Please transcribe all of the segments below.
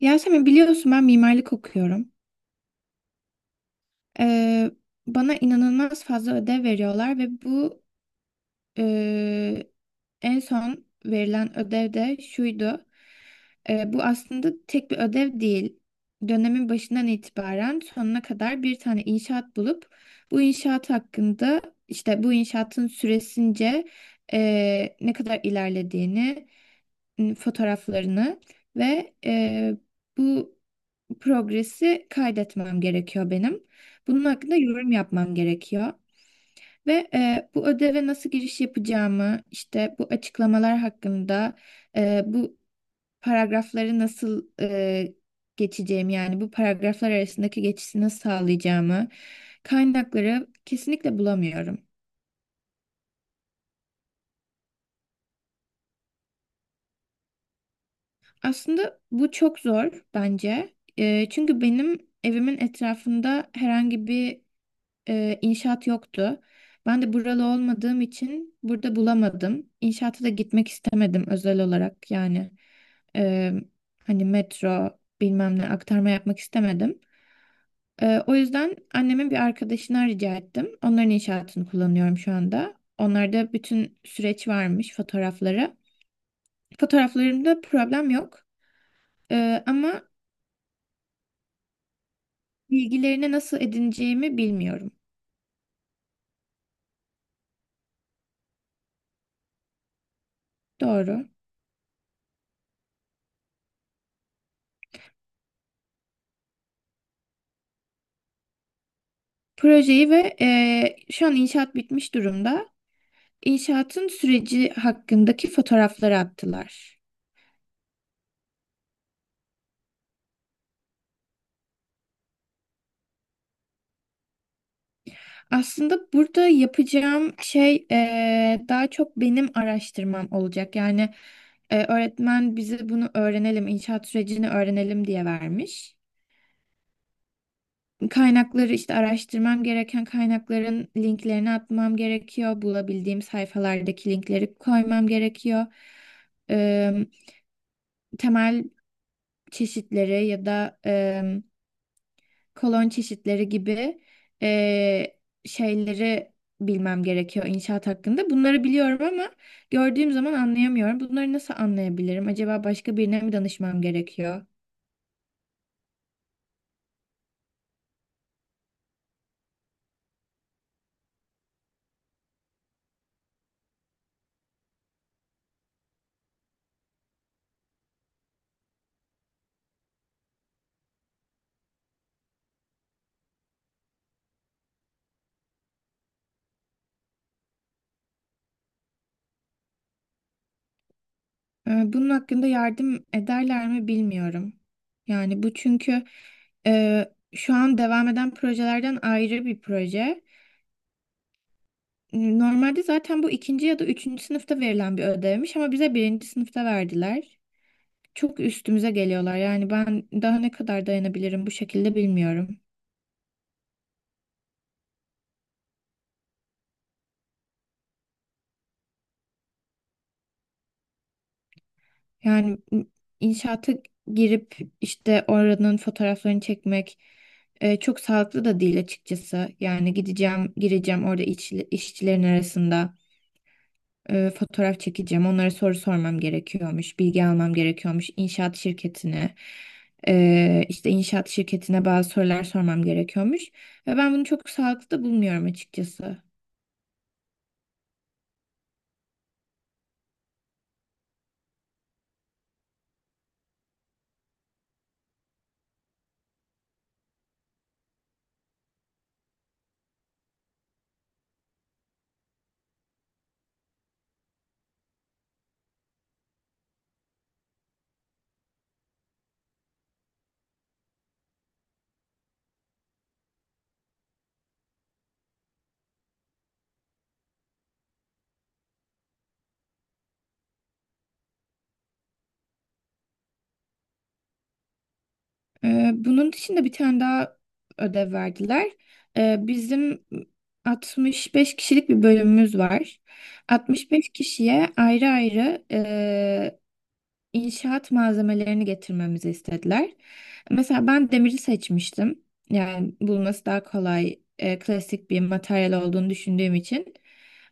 Yasemin biliyorsun ben mimarlık okuyorum. Ee, Bana inanılmaz fazla ödev veriyorlar ve bu e, en son verilen ödev de şuydu. Bu aslında tek bir ödev değil. Dönemin başından itibaren sonuna kadar bir tane inşaat bulup bu inşaat hakkında işte bu inşaatın süresince ne kadar ilerlediğini fotoğraflarını ve bu progresi kaydetmem gerekiyor benim. Bunun hakkında yorum yapmam gerekiyor. Ve bu ödeve nasıl giriş yapacağımı, işte bu açıklamalar hakkında, bu paragrafları nasıl geçeceğimi, yani bu paragraflar arasındaki geçişi nasıl sağlayacağımı, kaynakları kesinlikle bulamıyorum. Aslında bu çok zor bence. Çünkü benim evimin etrafında herhangi bir inşaat yoktu. Ben de buralı olmadığım için burada bulamadım. İnşaata da gitmek istemedim özel olarak yani. Eee, Hani metro bilmem ne aktarma yapmak istemedim. O yüzden annemin bir arkadaşına rica ettim. Onların inşaatını kullanıyorum şu anda. Onlarda bütün süreç varmış fotoğrafları. Fotoğraflarımda problem yok. Ama bilgilerini nasıl edineceğimi bilmiyorum. Doğru. Projeyi ve şu an inşaat bitmiş durumda. İnşaatın süreci hakkındaki fotoğrafları attılar. Aslında burada yapacağım şey daha çok benim araştırmam olacak. Yani öğretmen bize bunu öğrenelim, inşaat sürecini öğrenelim diye vermiş. Kaynakları işte araştırmam gereken kaynakların linklerini atmam gerekiyor. Bulabildiğim sayfalardaki linkleri koymam gerekiyor. Eee, Temel çeşitleri ya da kolon çeşitleri gibi eee, şeyleri bilmem gerekiyor inşaat hakkında. Bunları biliyorum ama gördüğüm zaman anlayamıyorum. Bunları nasıl anlayabilirim? Acaba başka birine mi danışmam gerekiyor? Bunun hakkında yardım ederler mi bilmiyorum. Yani bu çünkü şu an devam eden projelerden ayrı bir proje. Normalde zaten bu ikinci ya da üçüncü sınıfta verilen bir ödevmiş ama bize birinci sınıfta verdiler. Çok üstümüze geliyorlar. Yani ben daha ne kadar dayanabilirim bu şekilde bilmiyorum. Yani inşaata girip işte oranın fotoğraflarını çekmek çok sağlıklı da değil açıkçası. Yani gideceğim, gireceğim orada işçilerin arasında. Fotoğraf çekeceğim. Onlara soru sormam gerekiyormuş, bilgi almam gerekiyormuş. İnşaat şirketine, işte inşaat şirketine bazı sorular sormam gerekiyormuş. Ve ben bunu çok sağlıklı da bulmuyorum açıkçası. Bunun dışında bir tane daha ödev verdiler. Bizim 65 kişilik bir bölümümüz var. 65 kişiye ayrı ayrı inşaat malzemelerini getirmemizi istediler. Mesela ben demiri seçmiştim. Yani bulması daha kolay, klasik bir materyal olduğunu düşündüğüm için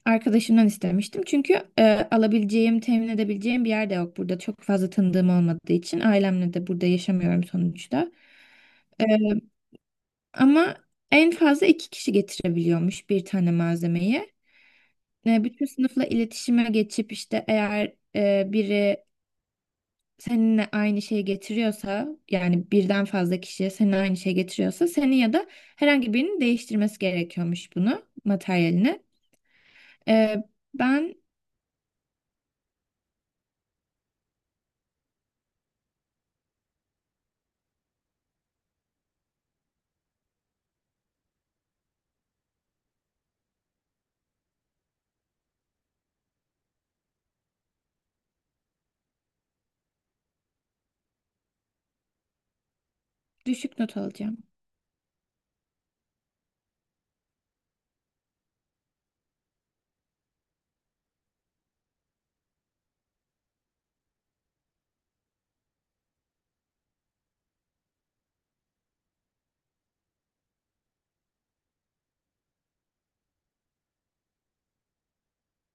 arkadaşımdan istemiştim. Çünkü alabileceğim, temin edebileceğim bir yer de yok burada. Çok fazla tanıdığım olmadığı için ailemle de burada yaşamıyorum sonuçta. E, Ama en fazla iki kişi getirebiliyormuş bir tane malzemeyi. Bütün sınıfla iletişime geçip işte eğer biri seninle aynı şeyi getiriyorsa yani birden fazla kişiye seninle aynı şeyi getiriyorsa senin ya da herhangi birinin değiştirmesi gerekiyormuş bunu materyalini. Ee, ben düşük not alacağım.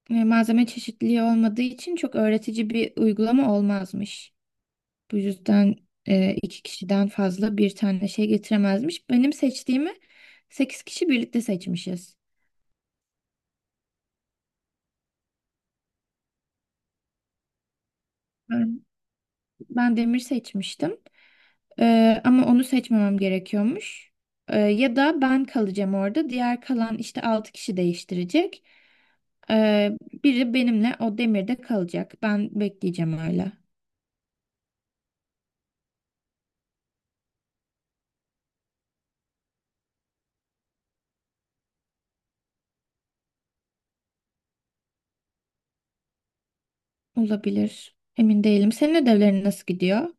Malzeme çeşitliliği olmadığı için çok öğretici bir uygulama olmazmış. Bu yüzden iki kişiden fazla bir tane şey getiremezmiş. Benim seçtiğimi sekiz kişi birlikte seçmişiz. Ben, ben demir seçmiştim. Ama onu seçmemem gerekiyormuş. Ya da ben kalacağım orada. Diğer kalan işte altı kişi değiştirecek. Ee, Biri benimle o demirde kalacak. Ben bekleyeceğim öyle. Olabilir. Emin değilim. Senin ödevlerin nasıl gidiyor?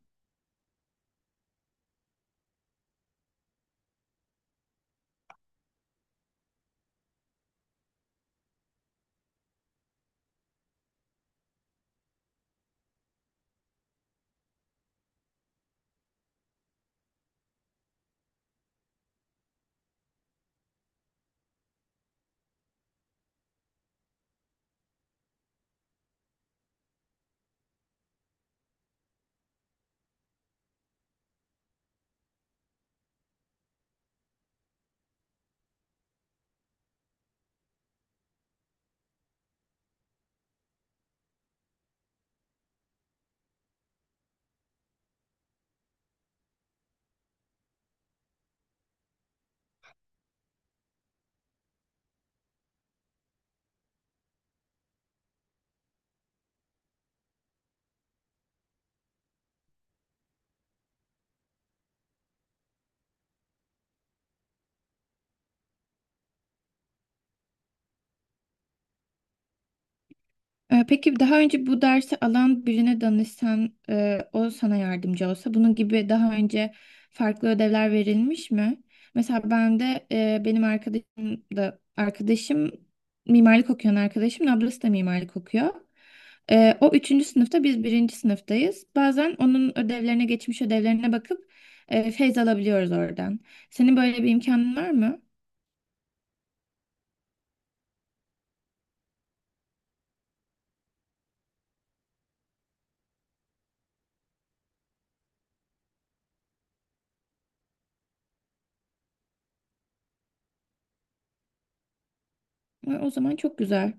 Peki daha önce bu dersi alan birine danışsan, o sana yardımcı olsa, bunun gibi daha önce farklı ödevler verilmiş mi? Mesela ben de e, benim arkadaşım da arkadaşım mimarlık okuyan arkadaşım, ablası da mimarlık okuyor. O üçüncü sınıfta biz birinci sınıftayız. Bazen onun geçmiş ödevlerine bakıp feyz alabiliyoruz oradan. Senin böyle bir imkanın var mı? O zaman çok güzel.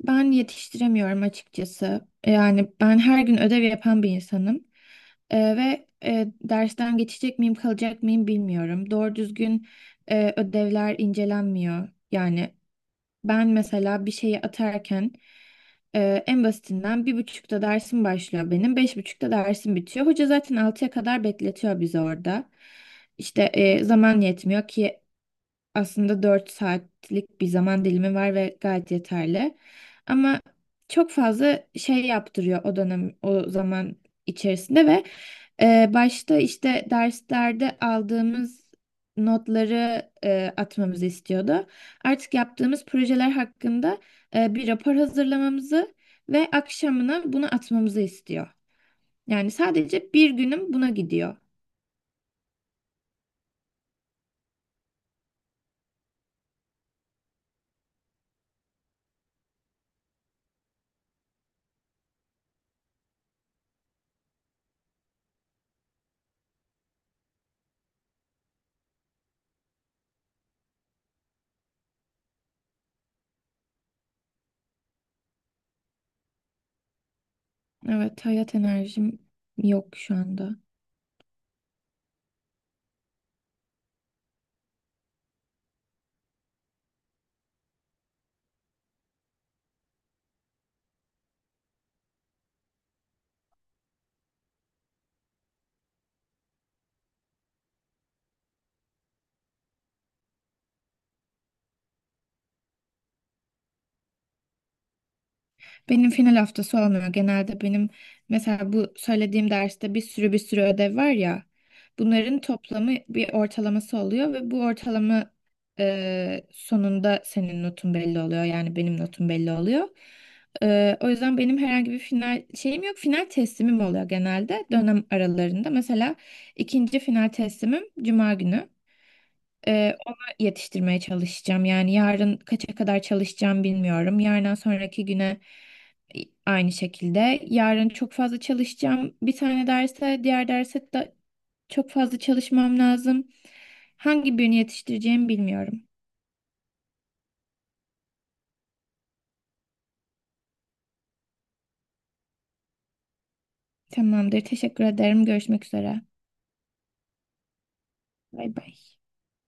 Ben yetiştiremiyorum açıkçası. Yani ben her gün ödev yapan bir insanım. Ve dersten geçecek miyim, kalacak mıyım bilmiyorum. Doğru düzgün ödevler incelenmiyor. Yani ben mesela bir şeyi atarken en basitinden bir buçukta dersim başlıyor benim. Beş buçukta dersim bitiyor. Hoca zaten altıya kadar bekletiyor bizi orada. İşte zaman yetmiyor ki aslında 4 saatlik bir zaman dilimi var ve gayet yeterli. Ama çok fazla şey yaptırıyor o dönem, o zaman içerisinde ve başta işte derslerde aldığımız notları atmamızı istiyordu. Artık yaptığımız projeler hakkında bir rapor hazırlamamızı ve akşamına bunu atmamızı istiyor. Yani sadece bir günüm buna gidiyor. Evet, hayat enerjim yok şu anda. Benim final haftası olmuyor. Genelde benim mesela bu söylediğim derste bir sürü ödev var ya. Bunların toplamı bir ortalaması oluyor ve bu ortalama sonunda senin notun belli oluyor. Yani benim notum belli oluyor. O yüzden benim herhangi bir final şeyim yok. Final teslimim oluyor genelde dönem aralarında. Mesela ikinci final teslimim Cuma günü. Ona yetiştirmeye çalışacağım. Yani yarın kaça kadar çalışacağım bilmiyorum. Yarından sonraki güne aynı şekilde. Yarın çok fazla çalışacağım. Bir tane derse, diğer derse de çok fazla çalışmam lazım. Hangi birini yetiştireceğimi bilmiyorum. Tamamdır. Teşekkür ederim. Görüşmek üzere. Bay bay.